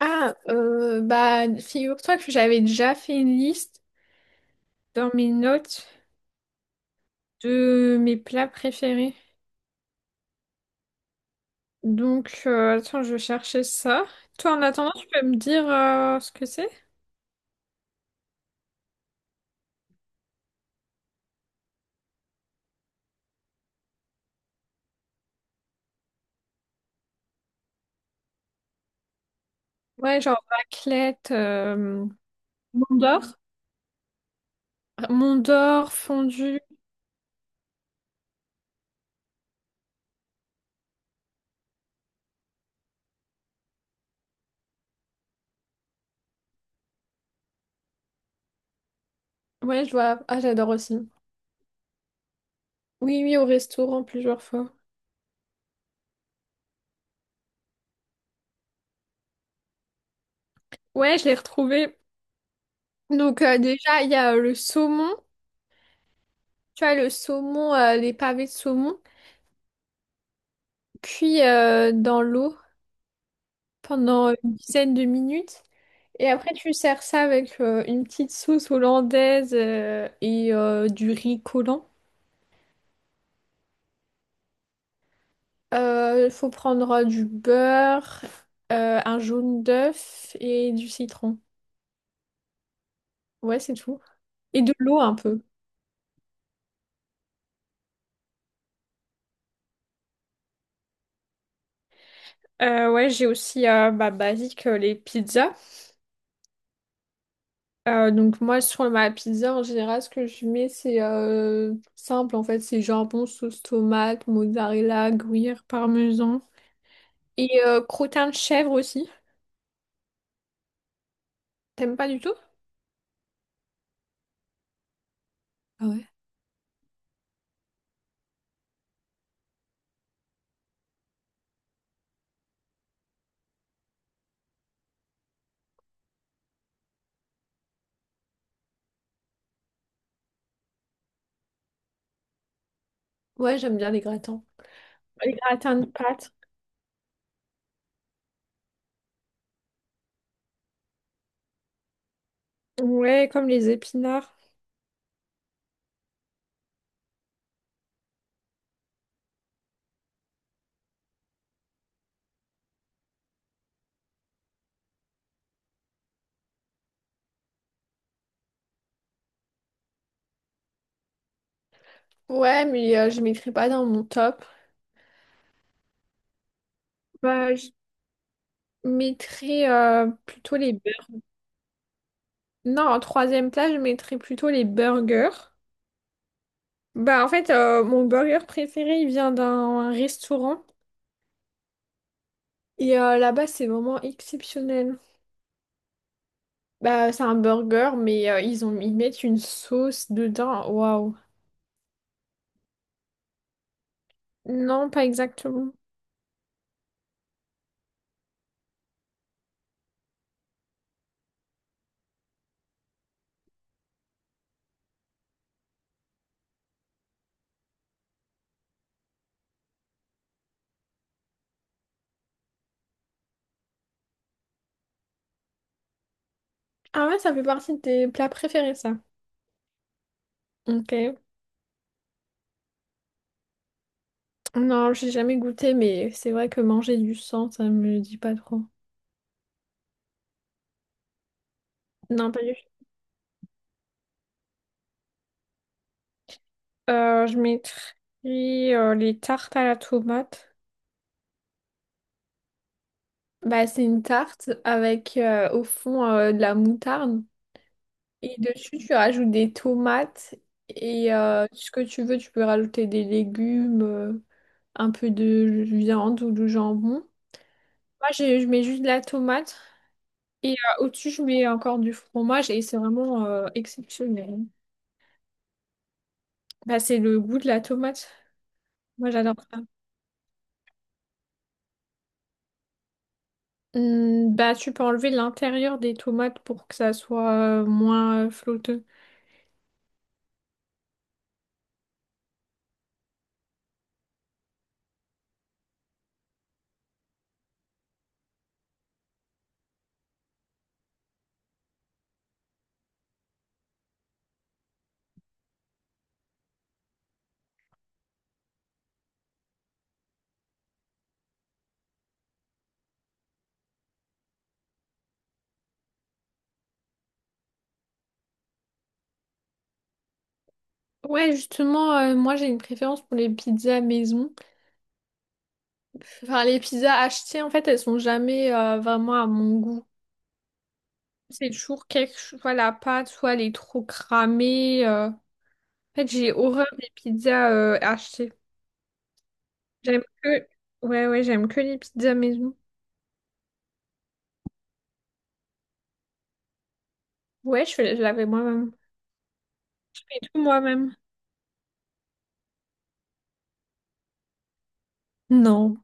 Ah, figure-toi que j'avais déjà fait une liste dans mes notes de mes plats préférés. Donc, attends, je vais chercher ça. Toi, en attendant, tu peux me dire ce que c'est? Ouais, genre raclette, Mondor. Mondor, fondu. Ouais, je vois. Ah, j'adore aussi. Oui, oui, au restaurant plusieurs fois. Ouais, je l'ai retrouvé. Donc, déjà, il y a le saumon. Tu vois, le saumon, les pavés de saumon. Puis, dans l'eau. Pendant une dizaine de minutes. Et après, tu sers ça avec une petite sauce hollandaise et du riz collant. Il faut prendre du beurre, un jaune d'œuf et du citron. Ouais, c'est tout. Et de l'eau un peu. Ouais, j'ai aussi basique les pizzas. Donc moi, sur ma pizza, en général, ce que je mets, c'est simple, en fait. C'est jambon, sauce tomate, mozzarella, gruyère, parmesan. Et crottin de chèvre aussi. T'aimes pas du tout? Ah ouais? Ouais, j'aime bien les gratins. Les gratins de pâtes. Ouais, comme les épinards. Ouais, mais je mettrai pas dans mon top. Bah, je mettrais plutôt les burgers. Non, en troisième place je mettrais plutôt les burgers. Bah, en fait, mon burger préféré, il vient d'un restaurant. Et là-bas, c'est vraiment exceptionnel. Bah, c'est un burger, mais ils ont, ils mettent une sauce dedans. Waouh. Non, pas exactement. Ah ouais, ça fait partie de tes plats préférés, ça. Ok. Non, j'ai jamais goûté, mais c'est vrai que manger du sang, ça me dit pas trop. Non, pas du tout. Je mettrais les tartes à la tomate. Bah, c'est une tarte avec au fond de la moutarde. Et dessus, tu rajoutes des tomates et ce que tu veux, tu peux rajouter des légumes, un peu de viande ou du jambon. Moi, je mets juste de la tomate et au-dessus, je mets encore du fromage et c'est vraiment exceptionnel. Bah, c'est le goût de la tomate. Moi, j'adore ça. Bah, tu peux enlever l'intérieur des tomates pour que ça soit moins flotteux. Ouais, justement, moi, j'ai une préférence pour les pizzas maison. Enfin, les pizzas achetées, en fait, elles sont jamais vraiment à mon goût. C'est toujours quelque chose, soit la pâte, soit elle est trop cramée. En fait, j'ai horreur des pizzas achetées. J'aime que... Ouais, ouais, j'aime que les pizzas maison. Je l'avais moi-même. Tout moi-même. Non.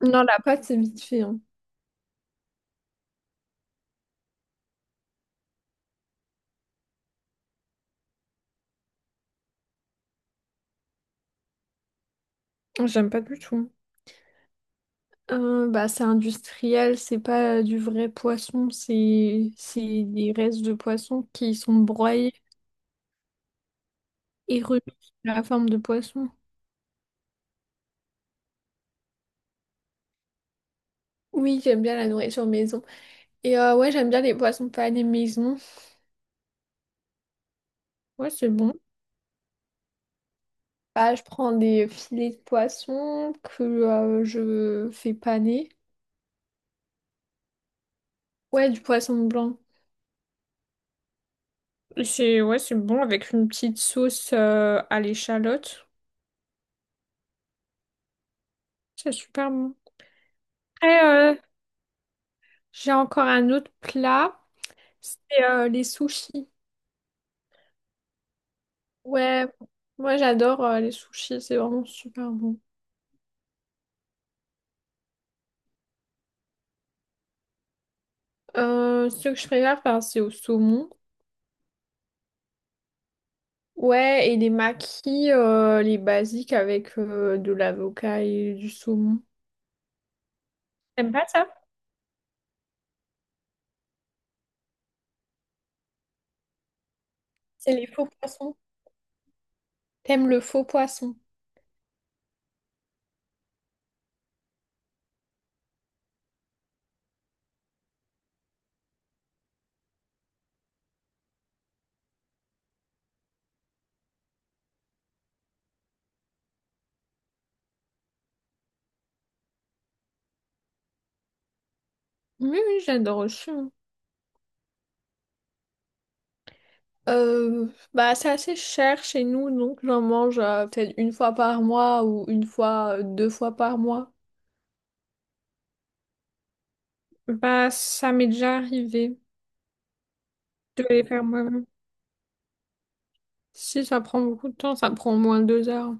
Non, la pâte, c'est vite fait, hein. J'aime pas du tout. C'est industriel, c'est pas du vrai poisson, c'est des restes de poisson qui sont broyés et remis sous la forme de poisson. Oui, j'aime bien la nourriture maison. Et ouais, j'aime bien les poissons panés maison. Ouais, c'est bon. Bah, je prends des filets de poisson que je fais paner. Ouais, du poisson blanc. Et c'est ouais, c'est bon avec une petite sauce à l'échalote. C'est super bon. Après, euh, j'ai encore un autre plat. C'est les sushis. Ouais, moi j'adore les sushis, c'est vraiment super bon. Ce que je préfère faire, c'est au saumon. Ouais, et les makis, les basiques avec de l'avocat et du saumon. T'aimes pas ça? C'est les faux poissons. T'aimes le faux poisson? Oui, oui, j'adore aussi, hein. Euh, c'est assez cher chez nous, donc j'en mange peut-être une fois par mois ou une fois, 2 fois par mois. Bah, ça m'est déjà arrivé de les faire moi. Si ça prend beaucoup de temps, ça prend au moins 2 heures.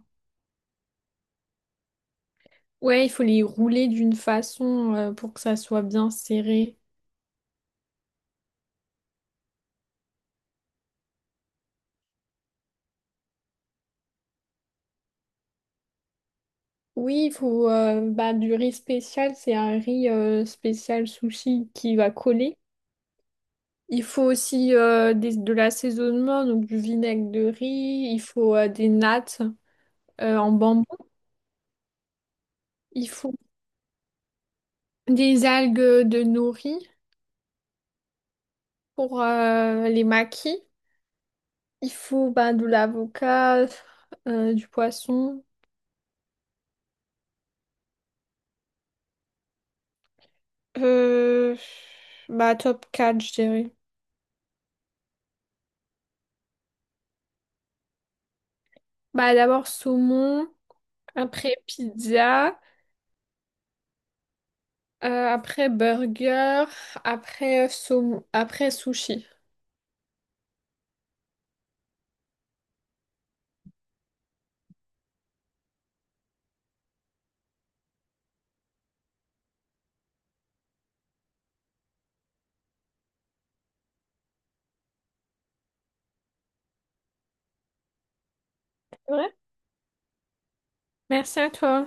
Ouais, il faut les rouler d'une façon pour que ça soit bien serré. Oui, il faut du riz spécial, c'est un riz spécial sushi qui va coller. Il faut aussi de l'assaisonnement, donc du vinaigre de riz, il faut des nattes en bambou, il faut des algues de nori pour les makis. Il faut bah, de l'avocat, du poisson. Euh, top 4 je dirais. Bah, d'abord saumon, après pizza, après burger, après saumon, après sushi. Ouais. Merci à toi.